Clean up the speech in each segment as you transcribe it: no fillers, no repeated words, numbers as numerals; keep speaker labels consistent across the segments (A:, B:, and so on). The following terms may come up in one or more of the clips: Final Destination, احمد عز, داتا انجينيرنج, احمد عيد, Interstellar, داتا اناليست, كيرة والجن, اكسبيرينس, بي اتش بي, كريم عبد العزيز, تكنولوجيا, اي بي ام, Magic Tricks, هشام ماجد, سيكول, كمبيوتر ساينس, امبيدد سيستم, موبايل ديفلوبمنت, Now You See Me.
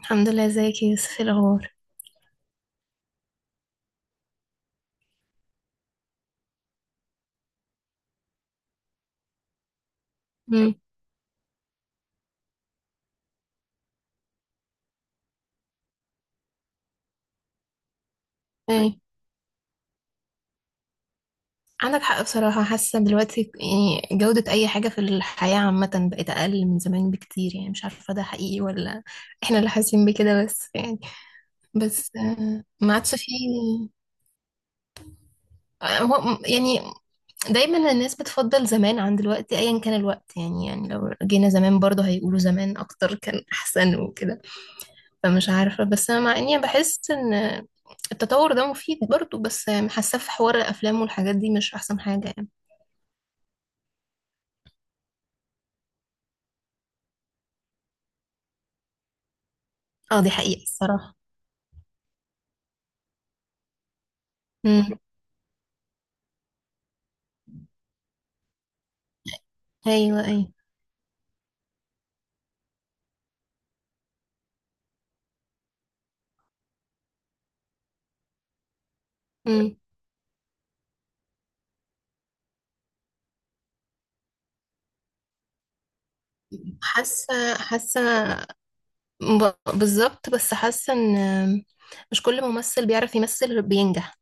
A: الحمد لله. ازيك يا يوسف؟ ايه الاخبار؟ امم. ايه. عندك حق بصراحة، حاسة دلوقتي يعني جودة أي حاجة في الحياة عامة بقت أقل من زمان بكتير، يعني مش عارفة ده حقيقي ولا احنا اللي حاسين بكده، بس يعني. بس ما عادش فيه. هو يعني دايما الناس بتفضل زمان عن دلوقتي أيا كان الوقت، يعني لو جينا زمان برضه هيقولوا زمان أكتر كان أحسن وكده. فمش عارفة، بس أنا مع اني بحس ان التطور ده مفيد برضو، بس حاسة في حوار الافلام والحاجات دي مش احسن حاجة يعني. اه، دي حقيقة الصراحة. امم. ايوه ايوه. امم. حاسة بالظبط، بس حاسة ان مش كل ممثل بيعرف يمثل بينجح.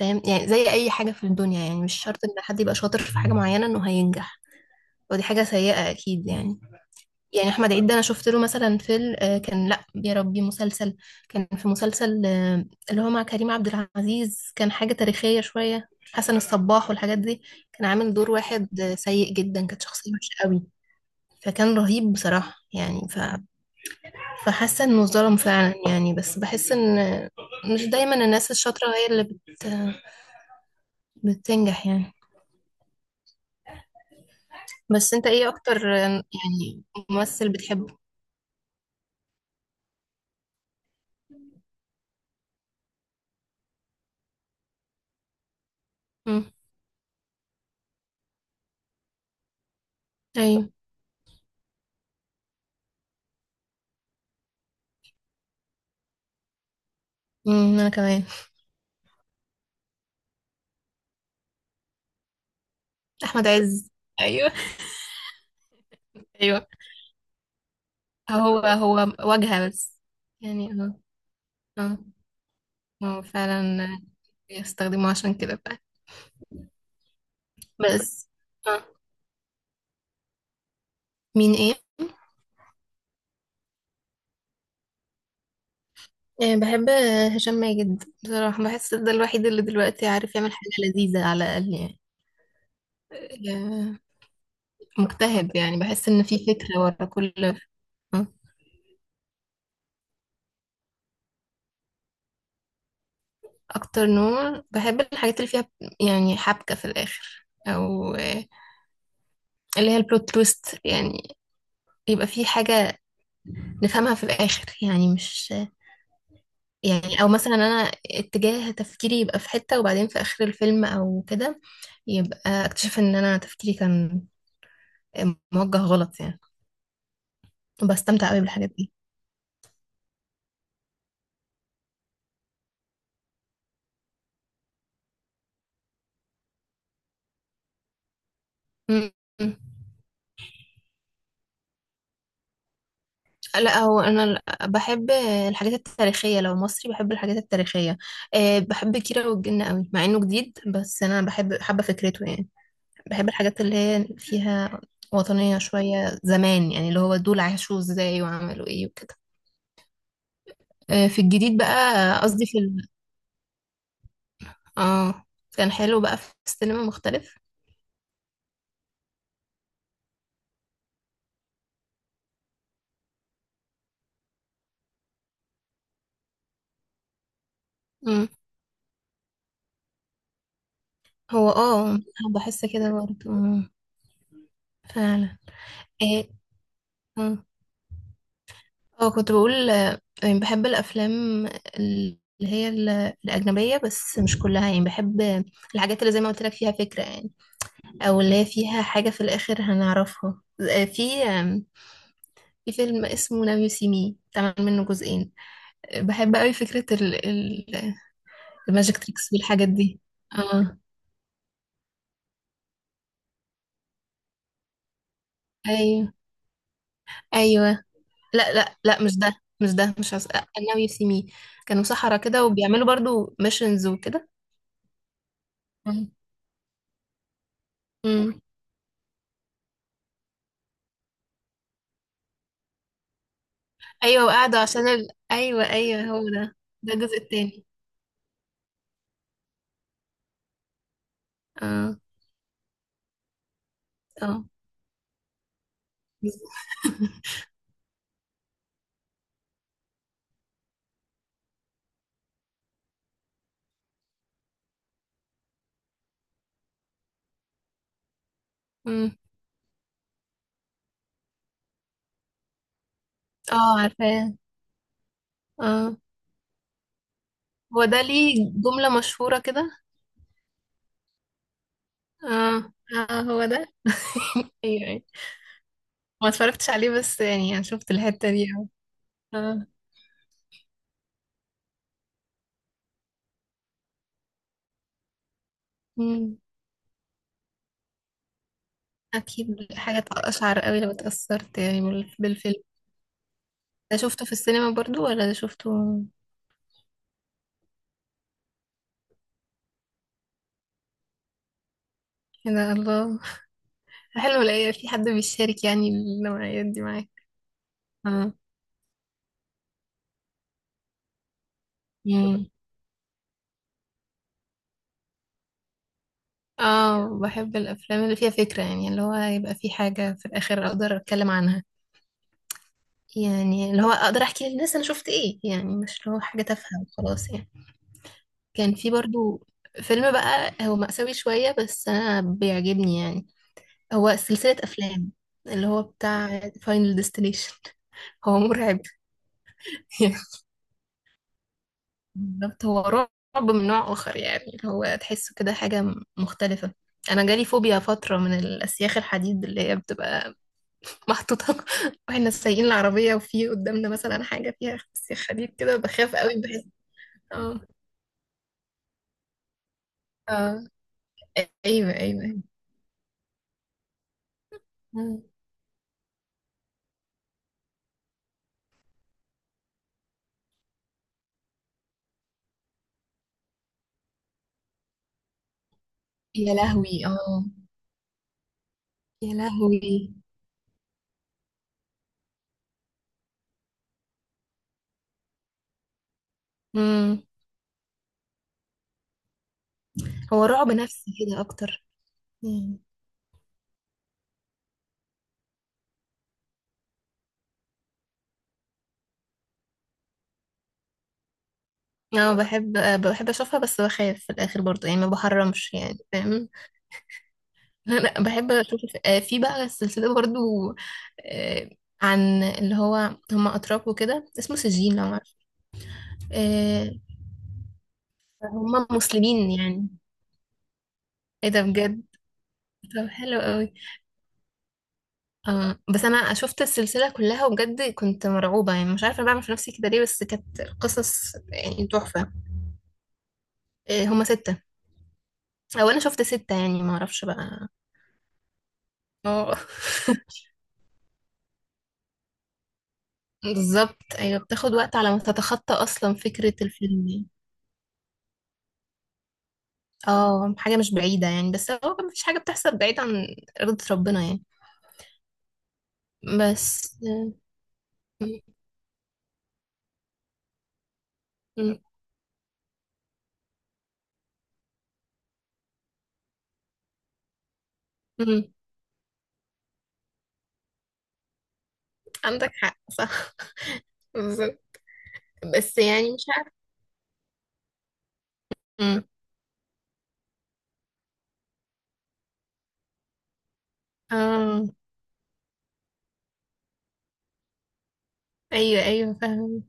A: فاهم يعني زي اي حاجة في الدنيا، يعني مش شرط ان حد يبقى شاطر في حاجة معينة انه هينجح. ودي حاجة سيئة اكيد يعني. يعني احمد عيد ده، انا شفت له مثلا فيلم، كان لا يا ربي مسلسل. كان في مسلسل اللي هو مع كريم عبد العزيز، كان حاجة تاريخية شوية، حسن الصباح والحاجات دي. كان عامل دور واحد سيء جدا، كانت شخصية وحشة قوي، فكان رهيب بصراحة يعني فحاسة انه ظلم فعلا يعني، بس بحس ان مش دايما الناس الشاطرة هي اللي بتنجح يعني. بس انت ايه اكتر يعني ممثل بتحبه؟ مم. ايوه. انا كمان. احمد عز. ايوه ايوه. هو هو واجهة بس يعني. اه اه. هو فعلا بيستخدموه عشان كده فعلا. بس. اه. مين ايه؟ بحب هشام ماجد بصراحة، بحس ده الوحيد اللي دلوقتي عارف يعمل حاجة لذيذة على الأقل يعني. آه، مجتهد يعني، بحس إن في فكرة ورا كل آه. أكتر نوع بحب الحاجات اللي فيها يعني حبكة في الآخر، أو اللي هي البلوت تويست يعني، يبقى في حاجة نفهمها في الآخر، يعني مش. يعني او مثلا انا اتجاه تفكيري يبقى في حتة، وبعدين في اخر الفيلم او كده يبقى اكتشف ان انا تفكيري كان موجه غلط يعني، بستمتع قوي بالحاجات دي. م- م. لا هو انا بحب الحاجات التاريخية. لو مصري بحب الحاجات التاريخية. بحب كيرة والجن قوي مع انه جديد، بس انا بحب، حابة فكرته يعني. بحب الحاجات اللي هي فيها وطنية شوية زمان، يعني اللي هو دول عاشوا ازاي وعملوا ايه وكده. في الجديد بقى، قصدي في. اه، كان حلو بقى في السينما، مختلف. امم. هو اه، بحس كده برضه. فعلا. ايه. اه. كنت بقول يعني بحب الافلام اللي هي الاجنبيه، بس مش كلها يعني، بحب الحاجات اللي زي ما قلت لك فيها فكره يعني، او اللي هي فيها حاجه في الاخر هنعرفها. في فيلم اسمه ناو يو سي مي، اتعمل منه جزئين. بحب قوي فكره الماجيك تريكس والحاجات دي. اه. ايوه ايوه. لا لا لا، مش ده، مش ده، مش عس... now you see me، كانوا سحرة كده وبيعملوا برضو missions وكده. مم. امم. ايوه، وقعدوا عشان ايوه ايوه، هو ده. ده الجزء التاني. اه اه. امم. اه، عارفاه. اه هو ده، ليه جملة مشهورة كده. اه اه، هو ده. ايوه ايوه. ما اتفرجتش عليه بس يعني انا شفت الحتة دي أوي. اه. امم. اكيد حاجة تقشعر قوي لو اتأثرت يعني بالفيلم. ده شفته في السينما برضو ولا ده شفته؟ يا ده الله. حلو الاقي في حد بيشارك يعني النوعيات دي معاك. اه. مم. اه، بحب الافلام اللي فيها فكرة، يعني اللي هو يبقى في حاجة في الاخر اقدر اتكلم عنها، يعني اللي هو اقدر احكي للناس انا شفت ايه، يعني مش اللي هو حاجة تافهة وخلاص يعني. كان في برضو فيلم بقى، هو مأساوي شوية بس انا بيعجبني يعني، هو سلسلة افلام، اللي هو بتاع فاينل ديستنيشن. هو مرعب. بالظبط، هو رعب من نوع آخر يعني، اللي هو تحسه كده حاجة مختلفة. أنا جالي فوبيا فترة من الأسياخ الحديد اللي هي بتبقى محطوطة، واحنا سايقين العربية وفي قدامنا مثلا حاجة فيها أسياخ حديد كده، بخاف قوي بحس. اه اه، أيوه أيوه أيوه. آه. يا لهوي اه. يا لهوي. مم. هو رعب نفسي كده أكتر. مم. اه، بحب بحب أشوفها بس بخاف في الآخر برضه يعني، ما بحرمش يعني فاهم. انا بحب اشوف. في بقى السلسله برضو، آه، عن اللي هو هم اتراك وكده، اسمه سجين لو عارف. آه، هم مسلمين يعني. ايه ده بجد؟ طب حلو قوي. اه، بس انا شفت السلسله كلها وبجد كنت مرعوبه يعني، مش عارفه بعمل في نفسي كده ليه، بس كانت قصص يعني تحفه. هم سته. او انا شفت سته يعني، ما اعرفش بقى. اه. بالظبط ايوه، بتاخد وقت على ما تتخطى اصلا فكره الفيلم يعني. اه، حاجة مش بعيدة يعني، بس هو مفيش حاجة بتحصل بعيد عن إرادة ربنا يعني. بس. م- م- م- عندك حق صح. بالظبط. بس يعني مش عارفة. م. اه، ايوه ايوه فاهم.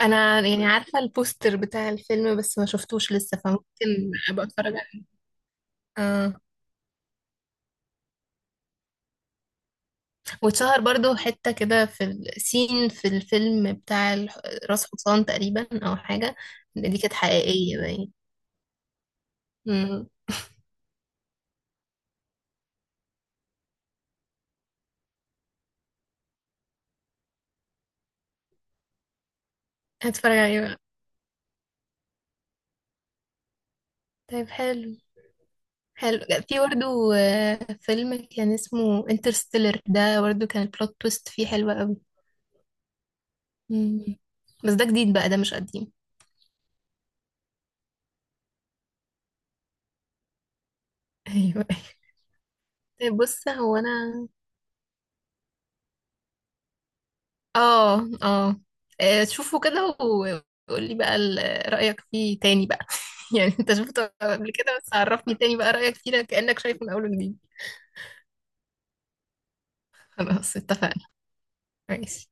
A: انا يعني عارفة البوستر بتاع الفيلم بس ما شفتوش لسه، فممكن ابقى اتفرج عليه. اه، واتشهر برضو حتة كده في الفيلم بتاع راس حصان تقريبا او حاجة. دي كانت حقيقية باين. م. هتفرج عليه بقى. طيب حلو. حلو. في برضه فيلم كان اسمه انترستيلر، ده برضه كان البلوت تويست فيه حلوة قوي. مم. بس ده جديد بقى، ده مش قديم. ايوه. بص، هو انا اه اه شوفه كده وقولي بقى رأيك فيه تاني بقى، يعني انت شفته قبل كده بس عرفني تاني بقى رأيك فيه، لأ كأنك شايفه من اول وجديد. خلاص اتفقنا. ماشي.